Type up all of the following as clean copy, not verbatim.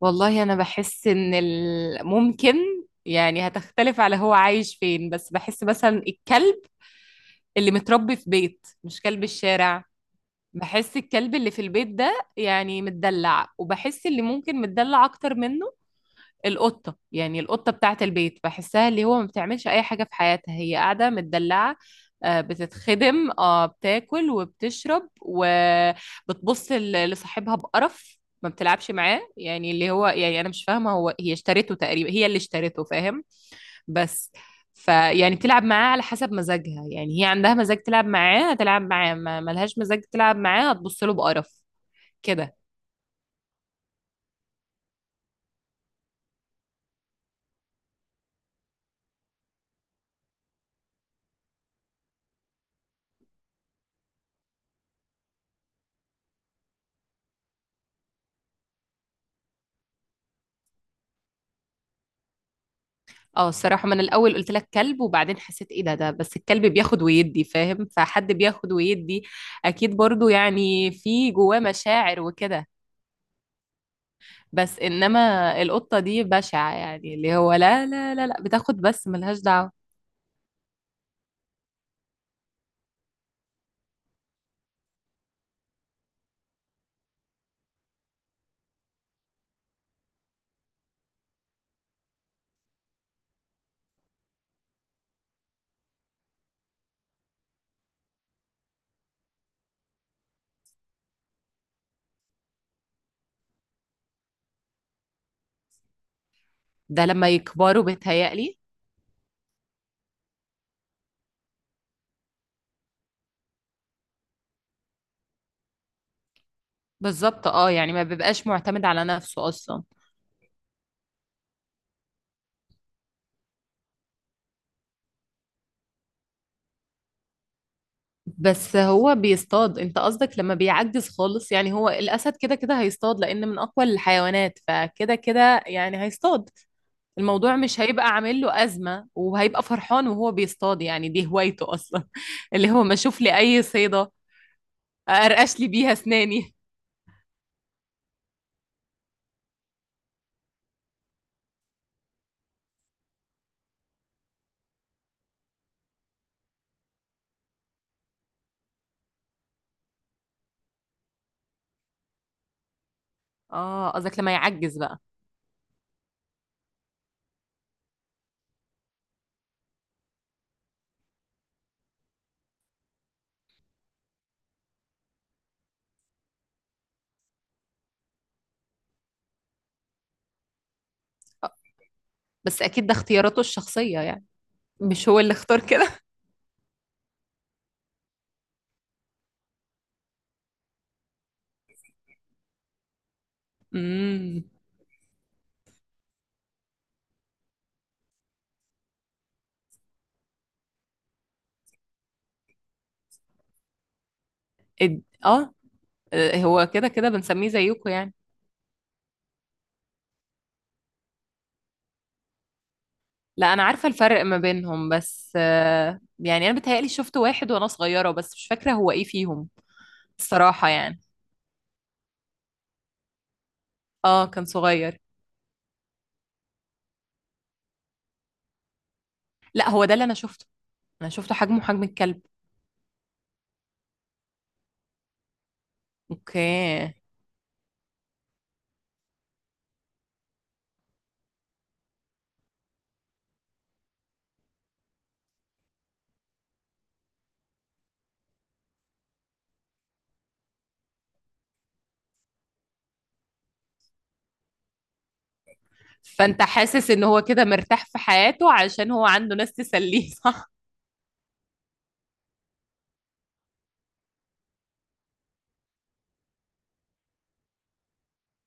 والله انا بحس ان ممكن، يعني هتختلف على هو عايش فين، بس بحس مثلا الكلب اللي متربي في بيت، مش كلب الشارع. بحس الكلب اللي في البيت ده يعني متدلع، وبحس اللي ممكن متدلع اكتر منه. القطة، يعني القطة بتاعة البيت، بحسها اللي هو ما بتعملش أي حاجة في حياتها، هي قاعدة متدلعة. آه، بتتخدم، بتاكل وبتشرب وبتبص لصاحبها بقرف. ما بتلعبش معاه، يعني اللي هو يعني أنا مش فاهمة هو، هي اشترته تقريبا، هي اللي اشترته فاهم. بس فيعني بتلعب معاه على حسب مزاجها، يعني هي عندها مزاج تلعب معاه هتلعب معاه، ما ملهاش مزاج تلعب معاه هتبص له بقرف. كده. اه، الصراحة، ما انا الاول قلت لك كلب وبعدين حسيت ايه ده، بس الكلب بياخد ويدي فاهم، فحد بياخد ويدي اكيد برضو يعني في جواه مشاعر وكده. بس انما القطة دي بشعة، يعني اللي هو لا، لا، لا، لا، بتاخد بس ملهاش دعوة. ده لما يكبروا بيتهيألي. بالظبط، يعني ما بيبقاش معتمد على نفسه اصلا. بس هو بيصطاد، انت قصدك لما بيعجز خالص، يعني هو الاسد كده كده هيصطاد، لان من اقوى الحيوانات، فكده كده يعني هيصطاد. الموضوع مش هيبقى عامل له أزمة، وهيبقى فرحان وهو بيصطاد، يعني دي هوايته أصلا. اللي هو ما أشوف لي أي صيدة أرقش لي بيها أسناني. آه قصدك لما يعجز بقى. آه، بس أكيد ده اختياراته الشخصية، يعني مش هو اللي اختار كده. امم آه. آه، هو كده كده بنسميه زيكم يعني. لا، أنا عارفة الفرق ما بينهم، بس يعني أنا بتهيألي شفت واحد وأنا صغيرة، بس مش فاكرة هو إيه فيهم. الصراحة يعني. آه كان صغير. لا، هو ده اللي أنا شفته، أنا شفته حجمه حجم الكلب. اوكي. فانت حاسس ان هو كده مرتاح في حياته، عشان هو عنده ناس تسليه، صح؟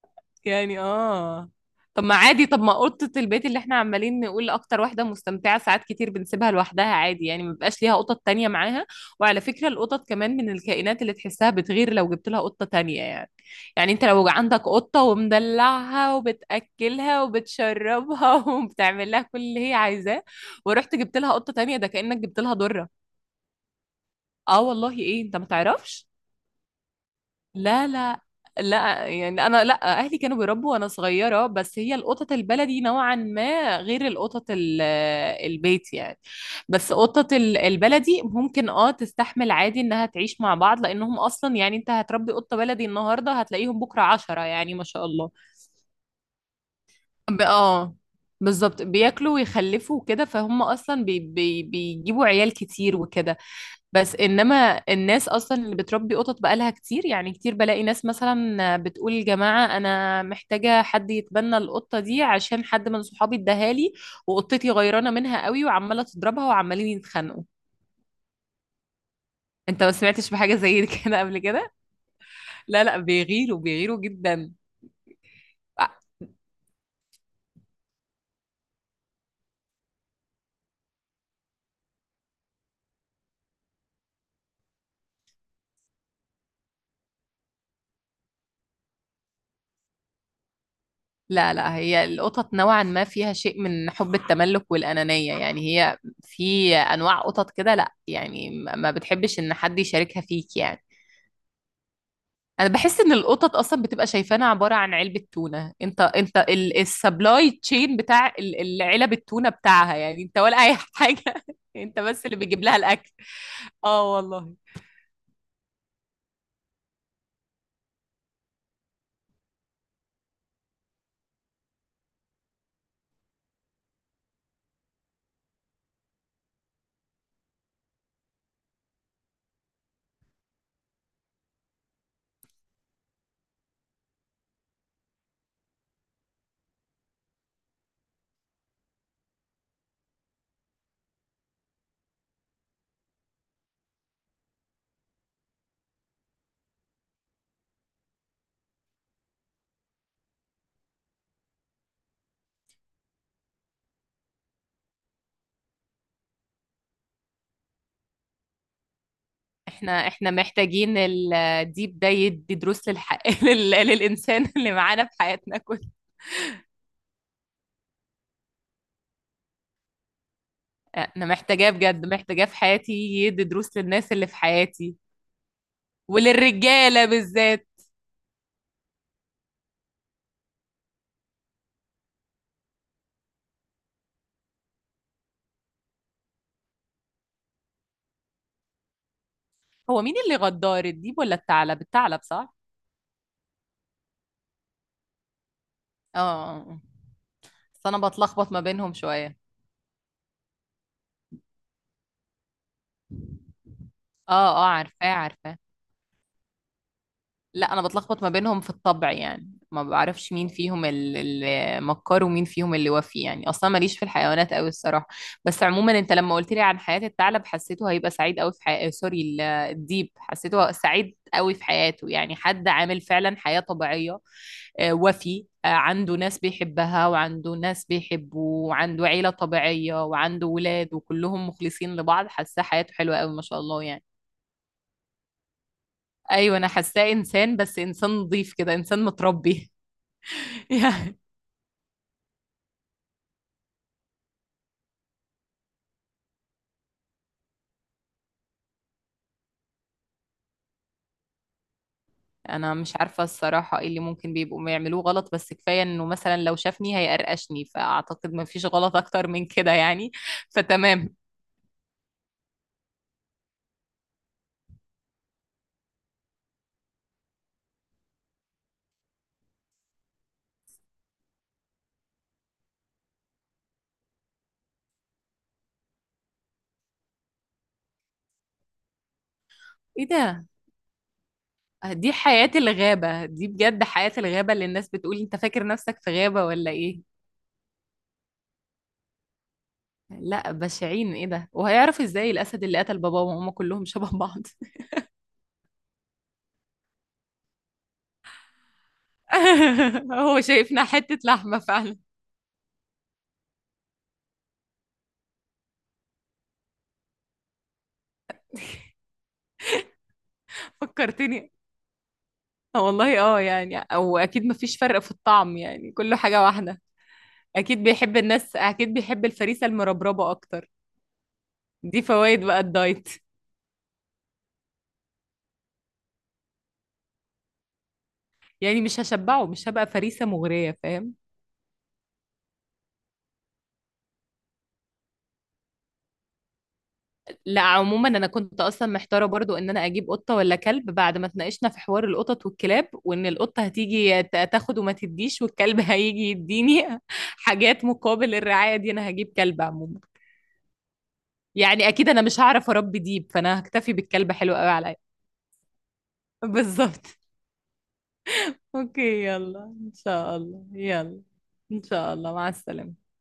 يعني اه. طب ما عادي، طب ما اوضه البيت اللي احنا عمالين نقول اكتر واحده مستمتعه، ساعات كتير بنسيبها لوحدها عادي، يعني ما بيبقاش ليها قطط تانية معاها. وعلى فكره القطط كمان من الكائنات اللي تحسها بتغير لو جبت لها قطه تانية يعني، يعني انت لو عندك قطه ومدلعها وبتاكلها وبتشربها وبتعمل لها كل اللي هي عايزاه، ورحت جبت لها قطه تانية، ده كانك جبت لها ضره. اه والله، ايه انت ما تعرفش؟ لا، لا. لا يعني انا، لا، اهلي كانوا بيربوا وانا صغيره، بس هي القطط البلدي نوعا ما غير القطط البيت يعني. بس قطط البلدي ممكن تستحمل عادي انها تعيش مع بعض، لانهم اصلا، يعني انت هتربي قطه بلدي النهارده هتلاقيهم بكره 10، يعني ما شاء الله. ب- اه بالظبط بياكلوا ويخلفوا وكده، فهم اصلا بي بي بيجيبوا عيال كتير وكده. بس انما الناس اصلا اللي بتربي قطط بقالها كتير، يعني كتير بلاقي ناس مثلا بتقول يا جماعه انا محتاجه حد يتبنى القطه دي، عشان حد من صحابي اداها لي، وقطتي غيرانه منها قوي وعماله تضربها وعمالين يتخانقوا. انت ما سمعتش بحاجه زي كده قبل كده؟ لا، لا، بيغيروا بيغيروا جدا. لا، لا، هي القطط نوعا ما فيها شيء من حب التملك والأنانية، يعني هي في أنواع قطط كده، لا يعني ما بتحبش إن حد يشاركها فيك يعني. أنا بحس إن القطط أصلا بتبقى شايفانا عبارة عن علبة تونة، أنت السبلاي تشين بتاع العلب التونة بتاعها يعني، أنت ولا أي حاجة. أنت بس اللي بيجيب لها الأكل. اه والله. احنا محتاجين الديب ده يدي دروس للإنسان اللي معانا في حياتنا كلها. انا محتاجاه بجد، محتاجاه في حياتي يدي دروس للناس اللي في حياتي، وللرجاله بالذات. هو مين اللي غدار، الديب ولا الثعلب؟ الثعلب صح. اه، آه، آه. بس انا بتلخبط ما بينهم شويه. اه، اه، عارفاه عارفاه. لا، انا بتلخبط ما بينهم في الطبع، يعني ما بعرفش مين فيهم المكار ومين فيهم اللي وفي، يعني اصلا ماليش في الحيوانات قوي الصراحه. بس عموما انت لما قلت لي عن حياه الثعلب حسيته هيبقى سعيد قوي في حياته، سوري الديب، حسيته سعيد قوي في حياته، يعني حد عامل فعلا حياه طبيعيه. آه، وفي آه، عنده ناس بيحبها وعنده ناس بيحبوه، وعنده عيله طبيعيه وعنده ولاد وكلهم مخلصين لبعض، حاسه حياته حلوه قوي ما شاء الله يعني. ايوه، انا حاساه انسان، بس انسان نظيف كده، انسان متربي. يعني. انا مش عارفه الصراحه ايه اللي ممكن بيبقوا بيعملوه غلط، بس كفايه انه مثلا لو شافني هيقرقشني، فاعتقد ما فيش غلط اكتر من كده يعني، فتمام. ايه ده! دي حياه الغابه، دي بجد حياه الغابه اللي الناس بتقول انت فاكر نفسك في غابه ولا ايه. لا بشعين، ايه ده! وهيعرف ازاي الاسد اللي قتل باباه وماما، كلهم شبه بعض. هو شايفنا حته لحمه فعلا. فكرتني. آه والله، يعني او اكيد مفيش فرق في الطعم، يعني كله حاجة واحدة. اكيد بيحب الناس، اكيد بيحب الفريسة المربربة اكتر. دي فوائد بقى الدايت. يعني مش هشبعه، مش هبقى فريسة مغرية فاهم. لا عموما انا كنت اصلا محتارة برضو ان انا اجيب قطة ولا كلب، بعد ما اتناقشنا في حوار القطط والكلاب، وان القطة هتيجي تاخد وما تديش، والكلب هيجي يديني حاجات مقابل الرعاية دي، انا هجيب كلب عموما. يعني اكيد انا مش هعرف اربي ديب، فانا هكتفي بالكلب حلو قوي عليا. بالظبط. اوكي، يلا ان شاء الله، يلا ان شاء الله مع السلامة.